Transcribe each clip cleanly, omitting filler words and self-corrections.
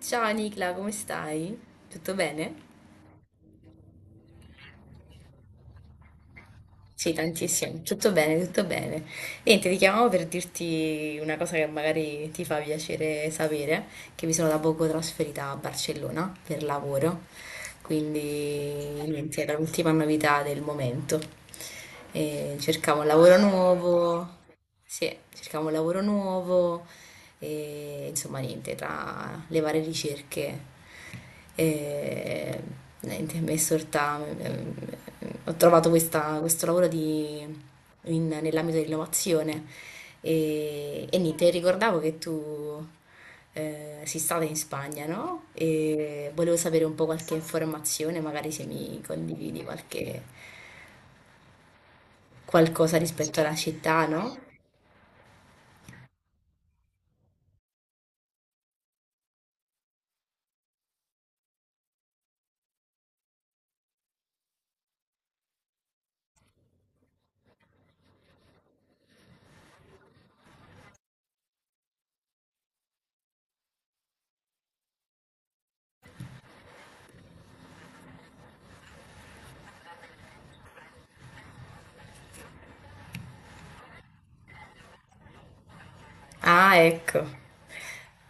Ciao Nicla, come stai? Tutto bene? Sì, tantissimo, tutto bene, tutto bene. Niente, ti chiamavo per dirti una cosa che magari ti fa piacere sapere, che mi sono da poco trasferita a Barcellona per lavoro, quindi niente, era l'ultima novità del momento. E cercavo un lavoro nuovo. Sì, cercavo un lavoro nuovo e insomma niente, tra le varie ricerche e niente, mi è sorta, ho trovato questo lavoro nell'ambito dell'innovazione e niente, ricordavo che tu sei stata in Spagna, no? E volevo sapere un po' qualche informazione, magari se mi condividi qualche, qualcosa rispetto alla città, no? Ah, ecco.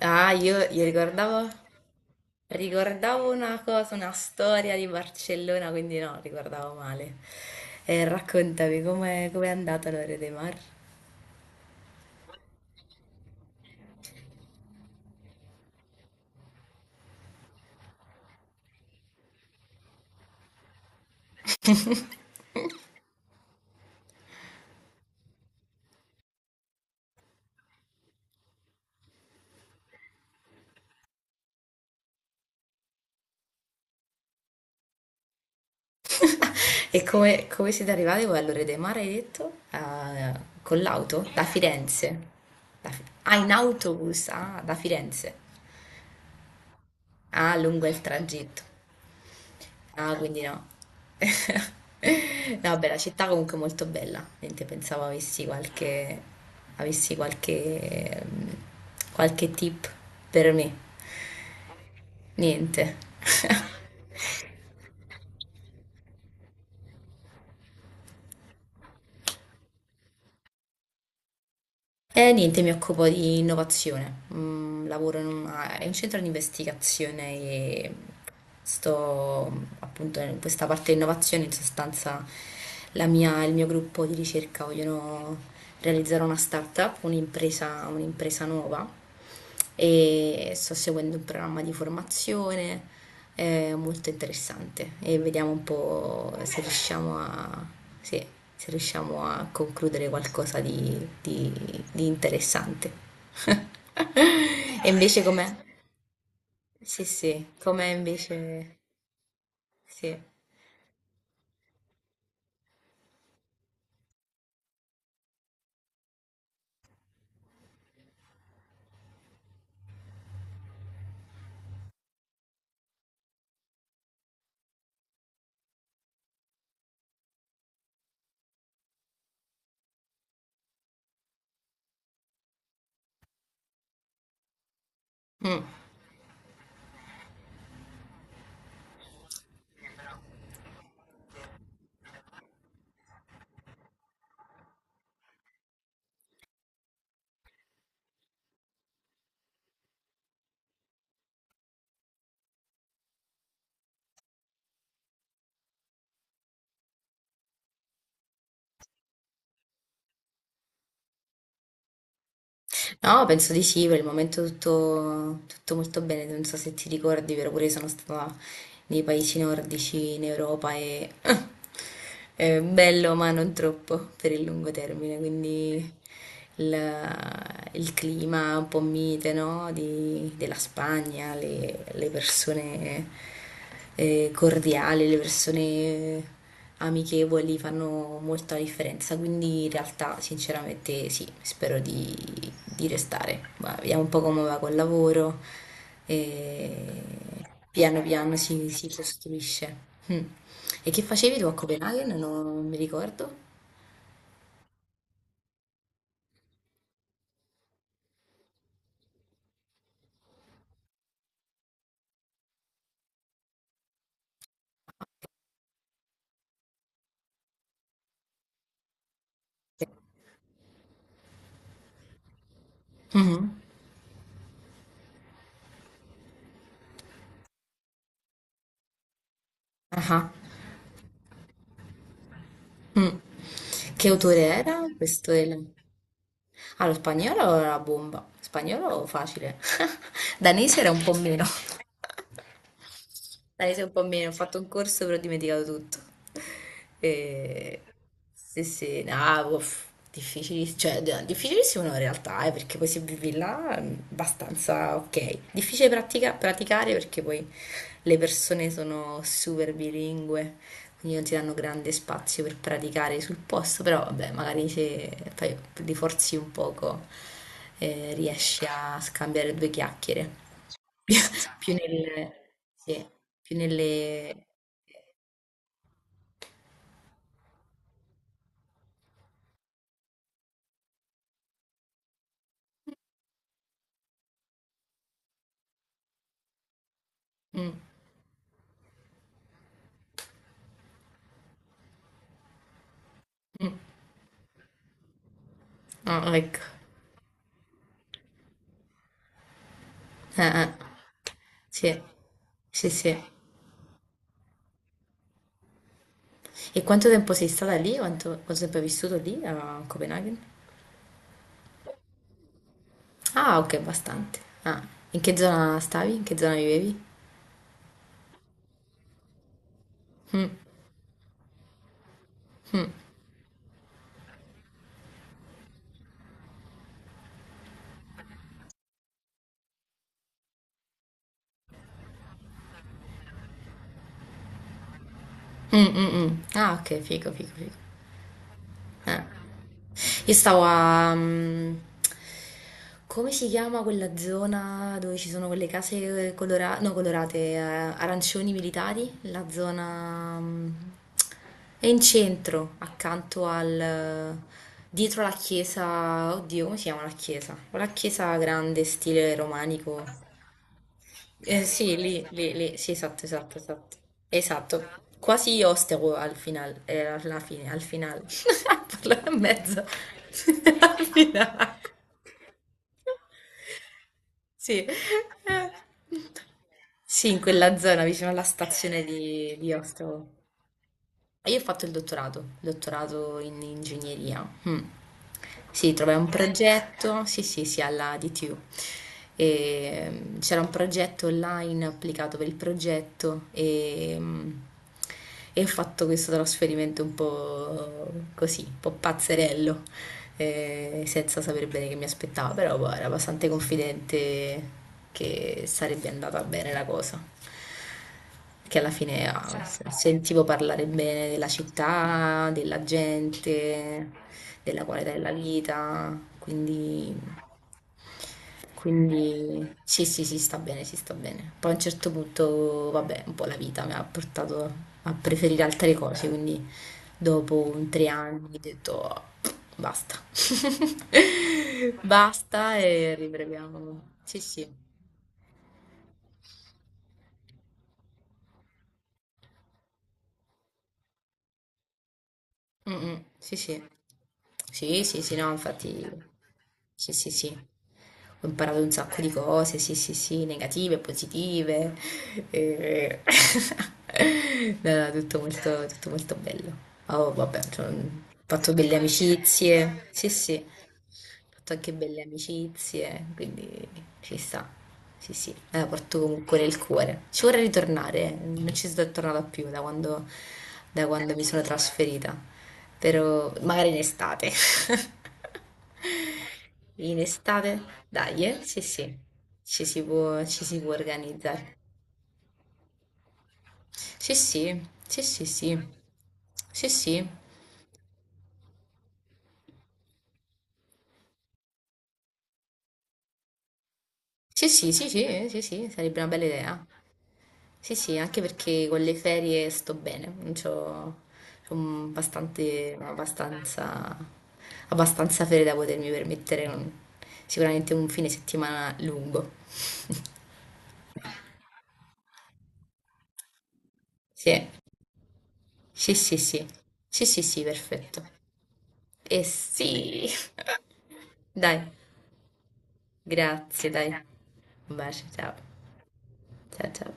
Ah, io ricordavo, ricordavo una cosa, una storia di Barcellona, quindi no, ricordavo male. Raccontami com'è, com'è andata l'Ore dei Mar e come, come siete arrivati voi all'Ore dei Mar, hai detto? Ah, con l'auto? Da Firenze? Ah, in autobus, ah, da Firenze. Ah, lungo il tragitto. Ah, quindi no. No, vabbè, la città comunque è molto bella, niente, pensavo avessi qualche, qualche tip per me, niente. E niente, mi occupo di innovazione. Mm, lavoro in è un centro di investigazione e sto appunto in questa parte di innovazione. In sostanza, il mio gruppo di ricerca vogliono realizzare una startup, un'impresa, un'impresa nuova. E sto seguendo un programma di formazione molto interessante e vediamo un po' se riusciamo a, se se riusciamo a concludere qualcosa di interessante. E invece com'è? Sì, sì, com'è invece? Sì. Mm. No, penso di sì, per il momento tutto, tutto molto bene, non so se ti ricordi, però pure io sono stata nei paesi nordici in Europa e è bello, ma non troppo per il lungo termine, quindi il, il clima un po' mite, no? Della Spagna, le persone cordiale, le persone amichevoli fanno molta differenza, quindi in realtà sinceramente sì, spero di restare. Ma vediamo un po' come va col lavoro e piano piano si, si costruisce. Mm. E che facevi tu a Copenaghen? Non mi ricordo. Mhm. Ah, ah. Mm. Che autore era questo? Elena? Ah, lo spagnolo era la bomba. Spagnolo facile. Danese era un po' meno. Danese un po' meno. Ho fatto un corso però ho dimenticato tutto. E... sì, sì, no, uff, cioè, difficilissimo no, in realtà, perché poi se vivi là è abbastanza ok. Difficile praticare perché poi le persone sono super bilingue quindi non ti danno grande spazio per praticare sul posto, però vabbè, magari se fai, ti forzi un poco riesci a scambiare due chiacchiere, più nelle... sì, più nelle... mm, ah, ecco, ah, ah, sì, sì, sì. E quanto tempo sei stata lì? Quanto, quanto tempo hai vissuto lì a Copenaghen? Ah, ok, bastante. Ah, in che zona stavi? In che zona vivevi? Mm, mm, mm. Ah, ok, figo, figo, figo. Eh. Io stavo a... mm, come si chiama quella zona dove ci sono quelle no, colorate, arancioni militari? La zona... mm, è in centro, accanto al... Dietro la chiesa... Oddio, come si chiama la chiesa? La chiesa grande, stile romanico. Sì, lì, lì, lì, sì, esatto, esatto, esatto. Esatto, quasi osteo al final, alla fine, al final. Parlo a mezzo. Al finale. Sì. Sì, in quella zona vicino alla stazione di Ostia. Io ho fatto il dottorato, dottorato in ingegneria. Mm. Sì, trovai un progetto, sì, sì, sì, alla DTU. E, mm, c'era un progetto online applicato per il progetto e, mm, e ho fatto questo trasferimento un po' così, un po' pazzerello, senza sapere bene che mi aspettava, però boh, ero abbastanza confidente che sarebbe andata bene la cosa che alla fine ah, certo, sentivo parlare bene della città, della gente, della qualità della vita, quindi, quindi sì, sì, si sta bene, si sta bene. Poi a un certo punto, vabbè, un po' la vita mi ha portato a preferire altre cose, quindi dopo un 3 anni ho detto "Oh, basta, basta e riproviamo." Sì, sì. Mm, mm. Sì, sì. Sì, sì, sì, no, infatti, sì, sì, sì. Ho imparato un sacco di cose, sì, sì, sì, negative, positive. Eh. No, no, tutto molto bello. Oh, vabbè, cioè, ho fatto belle amicizie. Sì, sì fatto anche belle amicizie, quindi ci sta. Sì, sì, me la porto comunque nel cuore. Ci vorrei ritornare, non ci sono tornata più da quando mi sono trasferita, però magari in estate. In estate? Dai, eh? Sì, sì, ci si può organizzare. Sì, sì, sì, sì, sì, sì, sì, sì, sì, sì, sì, sì, sì, sarebbe una bella idea. Sì, sì, anche perché con le ferie sto bene, non c'ho, bastante, abbastanza, abbastanza ferie da potermi permettere un- sicuramente un fine settimana lungo. Sì, sì, sì, sì, sì, sì, sì, perfetto. E sì, dai, grazie, dai. Un bacio, ciao, ciao, ciao.